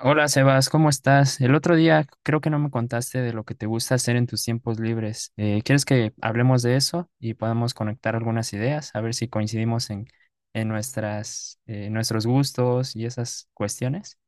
Hola Sebas, ¿cómo estás? El otro día creo que no me contaste de lo que te gusta hacer en tus tiempos libres. ¿Quieres que hablemos de eso y podamos conectar algunas ideas? A ver si coincidimos en nuestros gustos y esas cuestiones.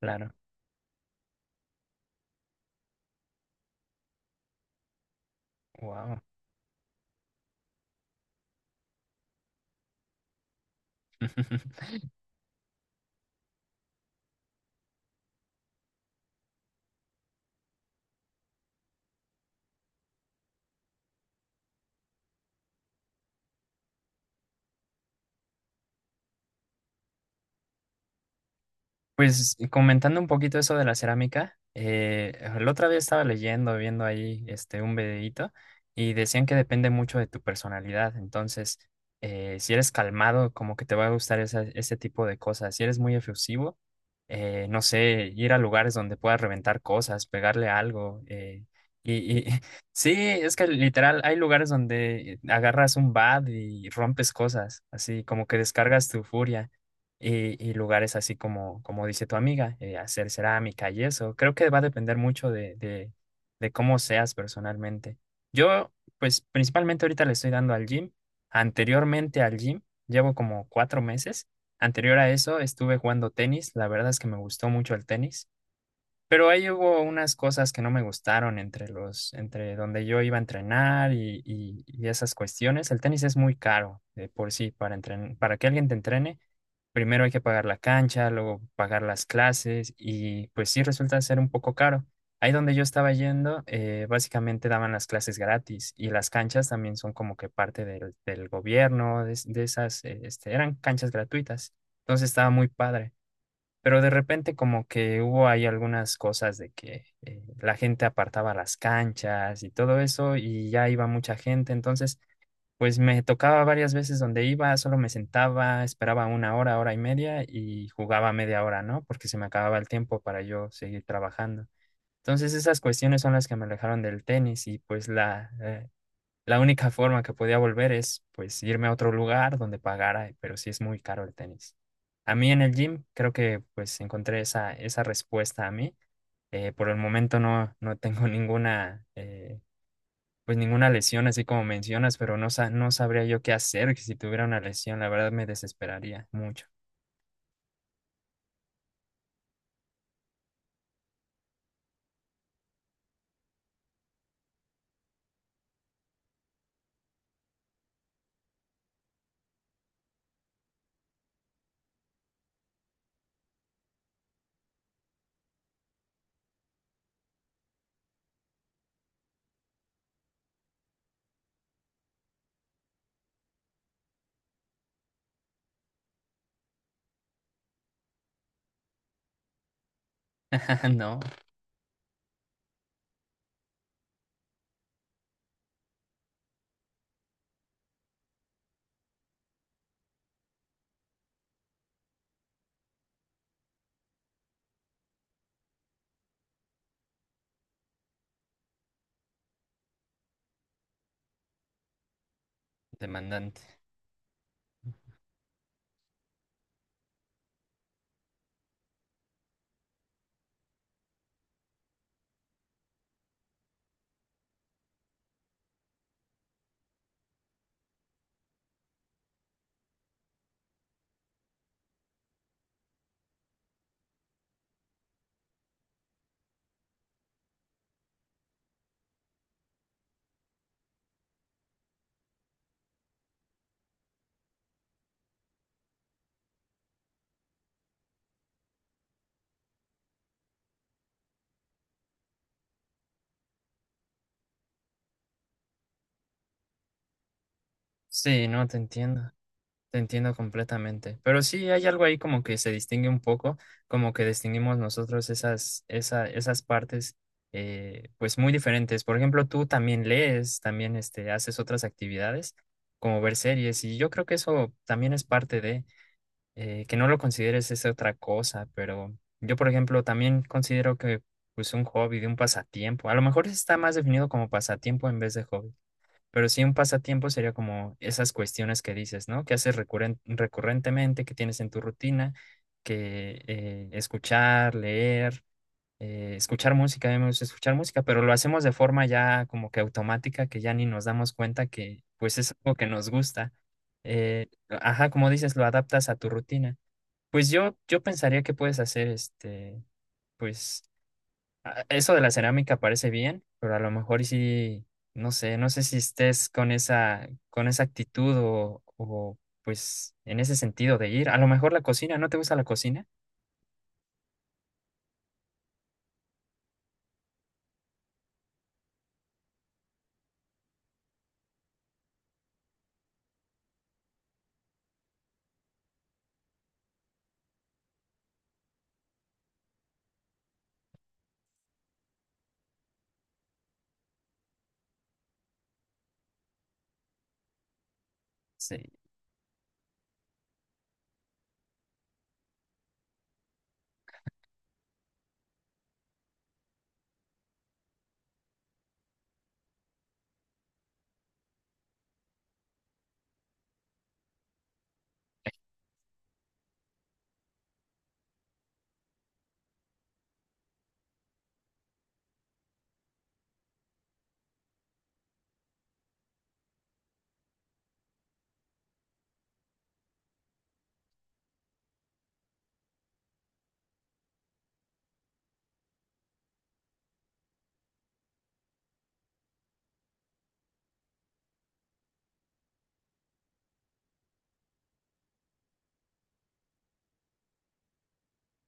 Claro. Wow. Pues y comentando un poquito eso de la cerámica, la otra vez estaba viendo ahí un videíto y decían que depende mucho de tu personalidad. Entonces, si eres calmado, como que te va a gustar ese tipo de cosas. Si eres muy efusivo, no sé, ir a lugares donde puedas reventar cosas, pegarle algo. Y, y sí, es que literal, hay lugares donde agarras un bat y rompes cosas, así como que descargas tu furia y lugares así como dice tu amiga, hacer cerámica y eso. Creo que va a depender mucho de cómo seas personalmente. Yo, pues principalmente ahorita le estoy dando al gym. Anteriormente al gym, llevo como 4 meses. Anterior a eso estuve jugando tenis. La verdad es que me gustó mucho el tenis. Pero ahí hubo unas cosas que no me gustaron entre donde yo iba a entrenar y esas cuestiones. El tenis es muy caro de por sí para que alguien te entrene. Primero hay que pagar la cancha, luego pagar las clases y pues sí resulta ser un poco caro. Ahí donde yo estaba yendo, básicamente daban las clases gratis y las canchas también son como que parte del gobierno, de esas, eran canchas gratuitas. Entonces estaba muy padre. Pero de repente como que hubo ahí algunas cosas de que la gente apartaba las canchas y todo eso y ya iba mucha gente. Entonces. Pues me tocaba varias veces donde iba, solo me sentaba, esperaba una hora, hora y media y jugaba media hora, ¿no? Porque se me acababa el tiempo para yo seguir trabajando. Entonces esas cuestiones son las que me alejaron del tenis y pues la única forma que podía volver es pues irme a otro lugar donde pagara, pero sí es muy caro el tenis. A mí en el gym creo que pues encontré esa respuesta a mí. Por el momento no tengo ninguna, pues ninguna lesión, así como mencionas, pero no sabría yo qué hacer si tuviera una lesión. La verdad me desesperaría mucho. No, demandante. Sí, no, te entiendo. Te entiendo completamente. Pero sí, hay algo ahí como que se distingue un poco, como que distinguimos nosotros esas partes, pues muy diferentes. Por ejemplo, tú también lees, también haces otras actividades, como ver series, y yo creo que eso también es parte de. Que no lo consideres es otra cosa, pero yo, por ejemplo, también considero que pues un hobby, de un pasatiempo, a lo mejor está más definido como pasatiempo en vez de hobby, pero sí un pasatiempo sería como esas cuestiones que dices, ¿no? Que haces recurrentemente, que tienes en tu rutina, que escuchar, leer. Escuchar música, a mí me gusta escuchar música, pero lo hacemos de forma ya como que automática, que ya ni nos damos cuenta que pues es algo que nos gusta. Ajá, como dices, lo adaptas a tu rutina. Pues yo pensaría que puedes hacer pues eso de la cerámica parece bien, pero a lo mejor y sí, no sé si estés con esa actitud o pues en ese sentido de ir. A lo mejor la cocina, ¿no te gusta la cocina? Sí.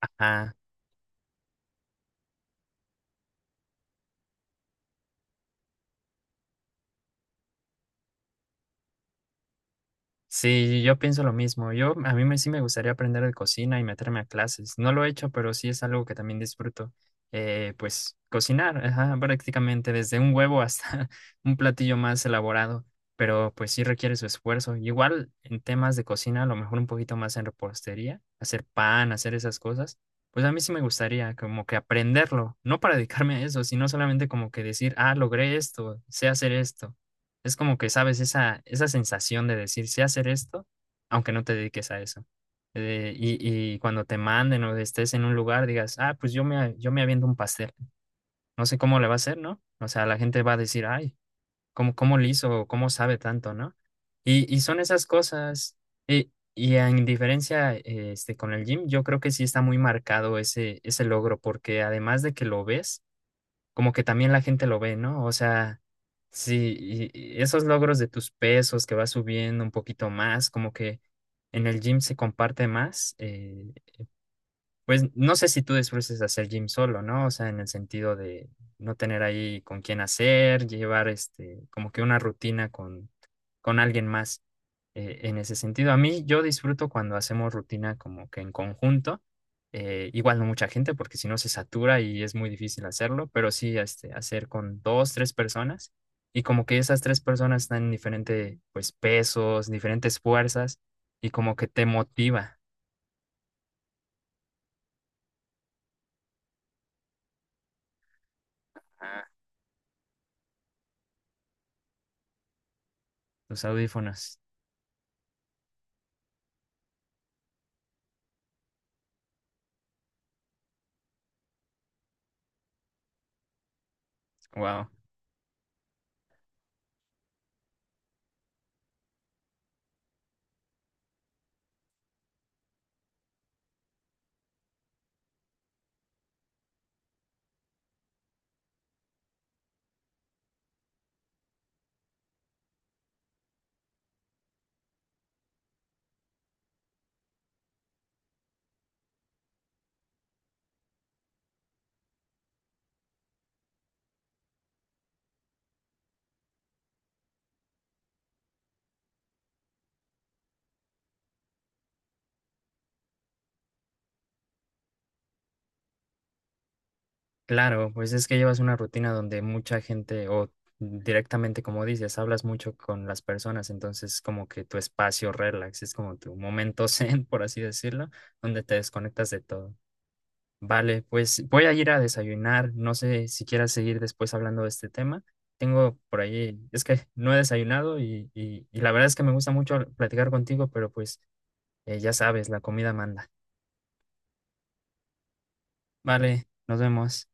Ajá. Sí, yo pienso lo mismo. Yo, a mí me, sí me gustaría aprender de cocina y meterme a clases. No lo he hecho, pero sí es algo que también disfruto. Pues cocinar, ajá, prácticamente desde un huevo hasta un platillo más elaborado, pero pues sí requiere su esfuerzo. Igual en temas de cocina, a lo mejor un poquito más en repostería, hacer pan, hacer esas cosas. Pues a mí sí me gustaría como que aprenderlo, no para dedicarme a eso, sino solamente como que decir, ah, logré esto, sé hacer esto. Es como que sabes esa sensación de decir, sé hacer esto, aunque no te dediques a eso. Eh, y, y cuando te manden o estés en un lugar, digas, ah, pues yo me aviento un pastel. No sé cómo le va a hacer, ¿no? O sea, la gente va a decir, ay, ¿cómo le hizo? O ¿cómo sabe tanto?, ¿no? Y son esas cosas. Y en diferencia con el gym, yo creo que sí está muy marcado ese logro, porque además de que lo ves, como que también la gente lo ve, ¿no? O sea, sí, y esos logros de tus pesos que vas subiendo un poquito más, como que en el gym se comparte más, pues no sé si tú disfrutes hacer gym solo, ¿no? O sea, en el sentido de no tener ahí con quién hacer, llevar como que una rutina con alguien más en ese sentido, a mí yo disfruto cuando hacemos rutina como que en conjunto, igual no mucha gente porque si no se satura y es muy difícil hacerlo, pero sí hacer con dos, tres personas y como que esas tres personas están en diferentes pues, pesos, diferentes fuerzas y como que te motiva a tus audífonos. Wow. Claro, pues es que llevas una rutina donde mucha gente o directamente, como dices, hablas mucho con las personas, entonces como que tu espacio relax es como tu momento zen, por así decirlo, donde te desconectas de todo. Vale, pues voy a ir a desayunar, no sé si quieras seguir después hablando de este tema. Tengo por ahí, es que no he desayunado y la verdad es que me gusta mucho platicar contigo, pero pues ya sabes, la comida manda. Vale, nos vemos.